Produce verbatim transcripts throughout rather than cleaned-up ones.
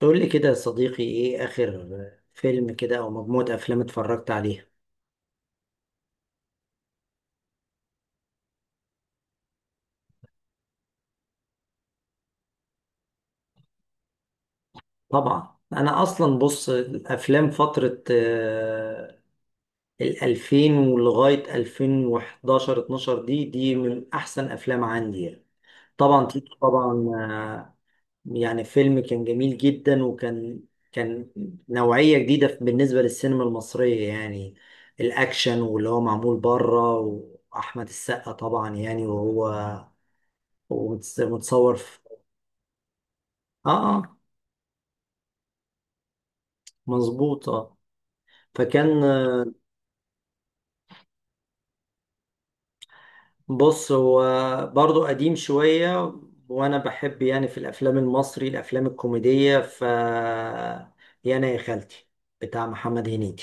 تقول لي كده يا صديقي ايه اخر فيلم كده او مجموعة افلام اتفرجت عليها؟ طبعا، انا اصلا بص الافلام فترة آه، الالفين ولغاية ألفين وحداشر اتناشر، دي دي من احسن افلام عندي يعني. طبعا تيتو، طبعا. آه، يعني فيلم كان جميل جدا، وكان كان نوعية جديدة بالنسبة للسينما المصرية يعني، الاكشن واللي هو معمول بره، واحمد السقا طبعا يعني وهو ومتصور. اه اه، مظبوط، اه. فكان آه، بص، هو برضو قديم شوية، وانا بحب يعني في الافلام المصري الافلام الكوميدية، ف يا انا يا خالتي بتاع محمد هنيدي.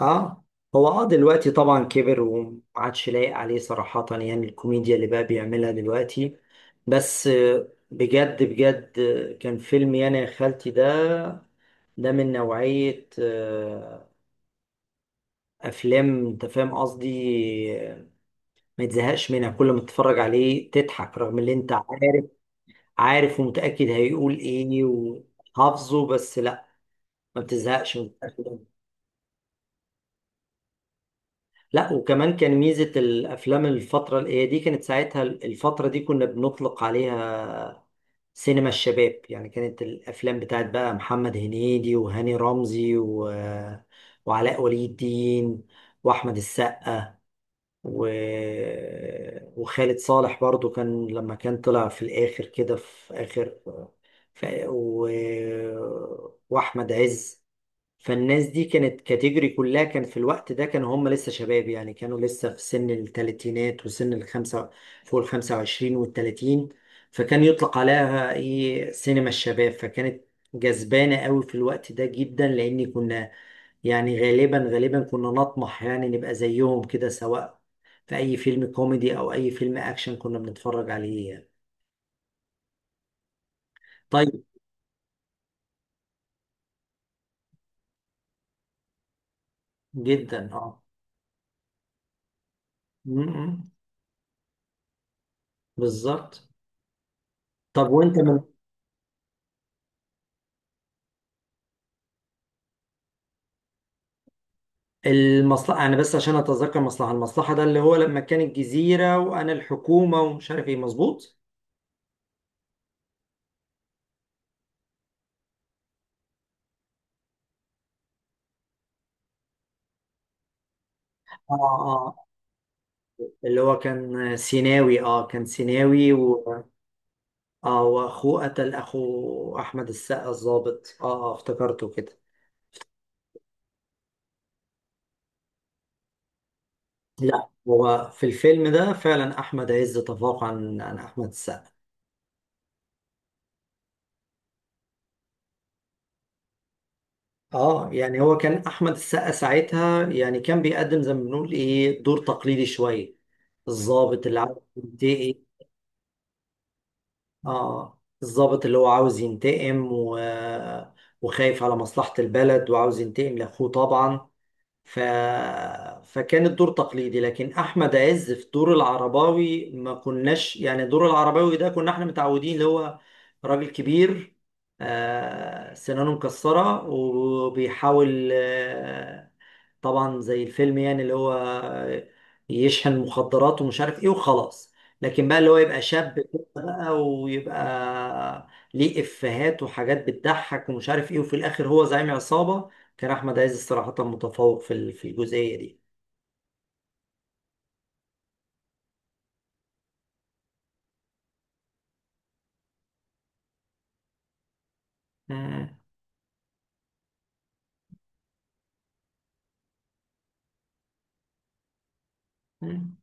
اه، هو اه دلوقتي طبعا كبر وما عادش لايق عليه صراحة، يعني الكوميديا اللي بقى بيعملها دلوقتي. بس آه، بجد بجد، آه، كان فيلم يا انا يا خالتي ده، ده من نوعية آه، أفلام أنت فاهم قصدي، آه، ما تزهقش منها، كل ما تتفرج عليه تضحك رغم اللي انت عارف، عارف ومتأكد هيقول ايه وحافظه، بس لا، ما بتزهقش من الأفلام. لا وكمان كان ميزة الافلام الفترة اللي هي دي، كانت ساعتها الفترة دي كنا بنطلق عليها سينما الشباب، يعني كانت الافلام بتاعت بقى محمد هنيدي وهاني رمزي و... وعلاء ولي الدين واحمد السقا و... وخالد صالح برضو، كان لما كان طلع في الاخر كده في اخر، ف... و... واحمد عز. فالناس دي كانت كاتيجوري كلها، كان في الوقت ده كانوا هم لسه شباب، يعني كانوا لسه في سن الثلاثينات وسن الخمسة فوق الخمسة وعشرين والتلاتين، فكان يطلق عليها ايه سينما الشباب، فكانت جذبانة قوي في الوقت ده جدا، لأن كنا يعني غالبا غالبا كنا نطمح يعني نبقى زيهم كده، سواء في أي فيلم كوميدي أو أي فيلم أكشن كنا بنتفرج عليه يعني. طيب، جدا اه. م- م. بالظبط. طب وانت من المصلحة، انا بس عشان اتذكر مصلحة، المصلحة ده اللي هو لما كان الجزيرة وانا الحكومة ومش عارف ايه، مظبوط. اه اه، اللي هو كان سيناوي، اه كان سيناوي و... اه، واخوه قتل اخو احمد السقا، الضابط، اه. اه، افتكرته كده. لا هو في الفيلم ده فعلا احمد عز تفوق عن عن احمد السقا. اه، يعني هو كان احمد السقا ساعتها يعني كان بيقدم زي ما بنقول ايه دور تقليدي شوية، الضابط اللي عارف ينتقي، اه الضابط اللي هو عاوز ينتقم و... وخايف على مصلحة البلد وعاوز ينتقم لأخوه طبعا، ف... فكان الدور تقليدي. لكن احمد عز في دور العرباوي ما كناش، يعني دور العرباوي ده كنا احنا متعودين اللي هو راجل كبير، آه، سنانه مكسرة وبيحاول، آه، طبعا زي الفيلم يعني، اللي هو يشحن مخدرات ومش عارف ايه وخلاص. لكن بقى اللي هو يبقى شاب كده بقى، ويبقى ليه افيهات وحاجات بتضحك ومش عارف ايه، وفي الاخر هو زعيم عصابة. كان احمد عز صراحة متفوق في ال- في الجزئية دي. مم. مم.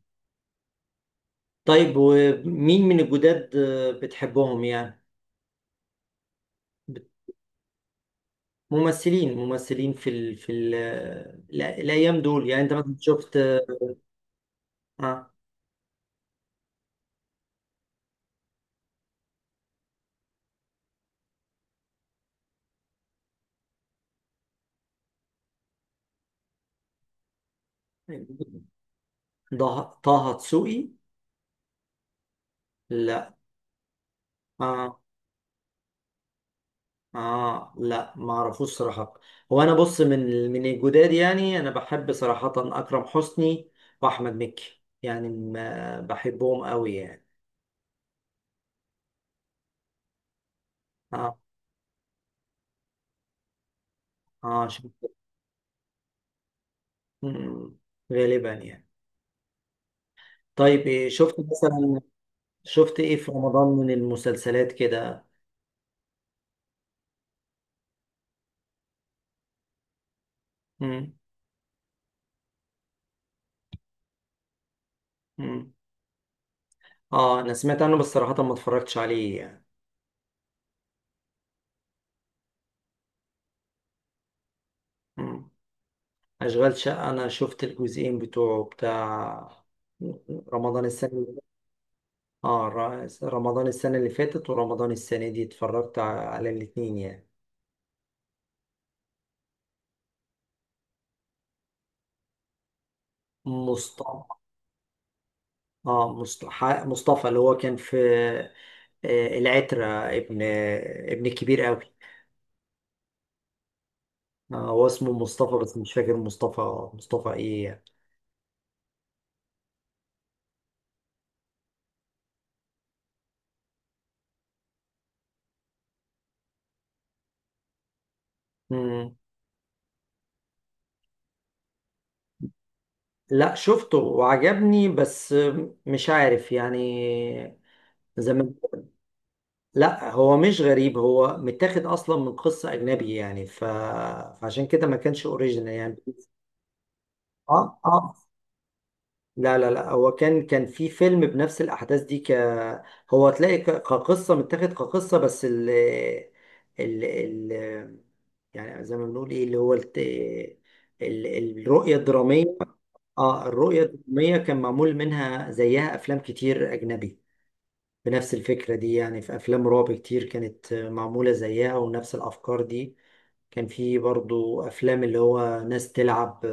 طيب، ومين من الجداد آه، بتحبهم يعني؟ بت- ممثلين ممثلين في ال في ال الأ- الايام دول يعني، انت مثلا شفت؟ آه. ضه- طه دسوقي؟ لا. اه اه، لا ما اعرفوش صراحة. هو انا بص، من من الجداد يعني انا بحب صراحة اكرم حسني واحمد مكي، يعني ما بحبهم قوي يعني. اه اه. مم. غالبا يعني. طيب، إيه شفت مثلا شفت ايه في رمضان من المسلسلات كده؟ مم. مم. اه، انا سمعت عنه بس صراحة ما اتفرجتش عليه يعني. مم. اشغال شقة، انا شفت الجزئين بتوعه، بتاع رمضان السنة اللي، اه ر- رمضان السنة اللي فاتت ورمضان السنة دي، اتفرجت ع- على الاتنين يعني. مصطفى. اه مصطفى مصطفى اللي هو كان في آه، العترة، ابن ابن كبير قوي. آه، هو اسمه مصطفى، بس مش فاكر مصطفى مصطفى ايه يعني. مم. لا شفته وعجبني، بس مش عارف يعني، زي ما. لا هو مش غريب، هو متاخد اصلا من قصة اجنبي يعني، ف... فعشان كده ما كانش اوريجينال يعني. اه اه، لا لا لا، هو كان كان في فيلم بنفس الأحداث دي، ك هو تلاقي ك- كقصة، متاخد كقصة، بس ال ال ال يعني زي ما بنقول ايه، اللي هو الت... ال... الرؤية الدرامية. اه، الرؤية الدرامية كان معمول منها زيها أفلام كتير أجنبي بنفس الفكرة دي، يعني في أفلام رعب كتير كانت معمولة زيها ونفس الأفكار دي. كان في برضو أفلام اللي هو ناس تلعب،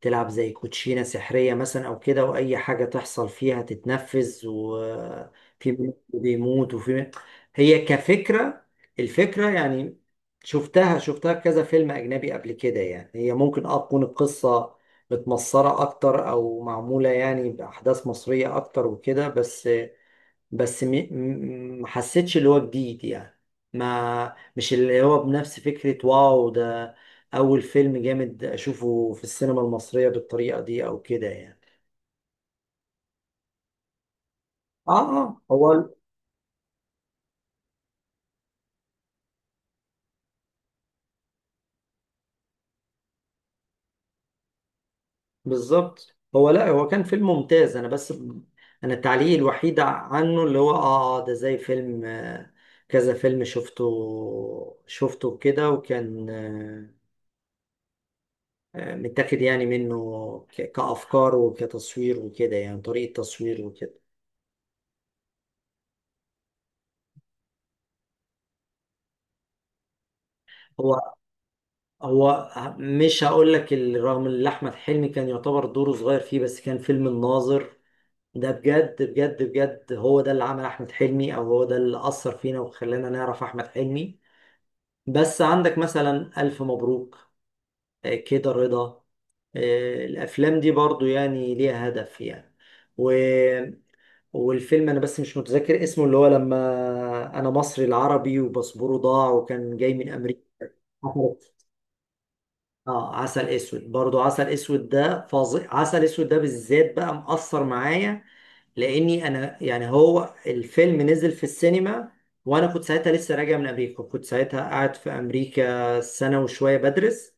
تلعب زي كوتشينة سحرية مثلا أو كده، وأي حاجة تحصل فيها تتنفذ وفي بني بيموت وفي، هي كفكرة الفكرة يعني، شفتها شفتها في كذا فيلم أجنبي قبل كده يعني. هي ممكن أه تكون القصة متمصرة أكتر أو معمولة يعني بأحداث مصرية أكتر وكده، بس بس م... م... ما حسيتش اللي هو جديد يعني، ما مش اللي هو بنفس فكرة، واو ده أول فيلم جامد أشوفه في السينما المصرية بالطريقة دي أو كده يعني. آه آه هو بالظبط. هو لا، هو كان فيلم ممتاز، أنا بس، أنا التعليق الوحيد عنه اللي هو آه آه، ده زي فيلم، آه، كذا فيلم شفته شفته كده، وكان آه، آه، متاخد يعني منه ك- كأفكار وكتصوير وكده، يعني طريقة تصوير وكده. هو هو مش هقول لك، رغم ان احمد حلمي كان يعتبر دوره صغير فيه، بس كان فيلم الناظر ده، بجد بجد بجد، هو ده اللي عمل احمد حلمي، او هو ده اللي اثر فينا وخلانا نعرف احمد حلمي. بس عندك مثلا الف مبروك، آه، كده رضا، آه، الافلام دي برضو يعني ليها هدف يعني، و... والفيلم، انا بس مش متذكر اسمه، اللي هو لما انا مصري العربي وباسبوره ضاع وكان جاي من امريكا. اه، عسل اسود، برضو عسل اسود ده فظيع، عسل اسود ده بالذات بقى مأثر معايا، لاني انا يعني، هو الفيلم نزل في السينما وانا كنت ساعتها لسه راجع من امريكا، كنت ساعتها قاعد في امريكا سنة وشوية بدرس.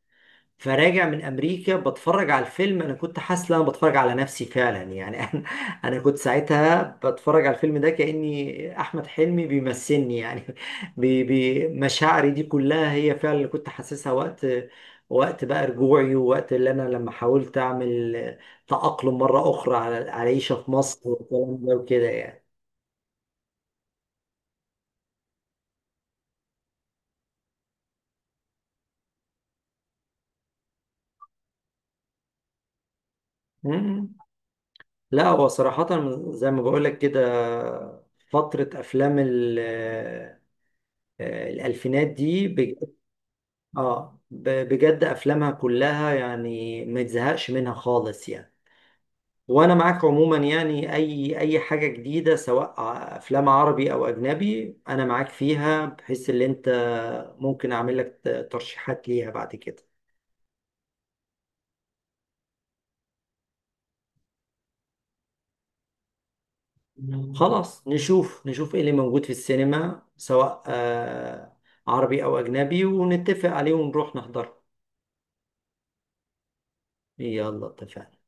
فراجع من امريكا، بتفرج على الفيلم، انا كنت حاسس ان انا بتفرج على نفسي فعلا يعني. انا انا كنت ساعتها بتفرج على الفيلم ده، كاني احمد حلمي بيمثلني يعني. بي بي مشاعري دي كلها هي فعلا اللي كنت حاسسها، وقت وقت بقى رجوعي، ووقت اللي انا لما حاولت اعمل تأقلم مرة اخرى على على العيشة في مصر والكلام ده وكده يعني. مم. لا هو صراحة، زي ما بقول لك كده، فترة افلام ال- آه، الألفينات دي، اه، ب- بجد افلامها كلها يعني ما تزهقش منها خالص يعني. وانا معاك عموما، يعني اي اي حاجه جديده، سواء ع- افلام عربي او اجنبي انا معاك فيها، بحيث ان انت ممكن اعمل لك ت- ترشيحات ليها بعد كده. خلاص، نشوف نشوف ايه اللي موجود في السينما، سواء آه، عربي او اجنبي، ونتفق عليه ونروح نحضره. يلا اتفقنا.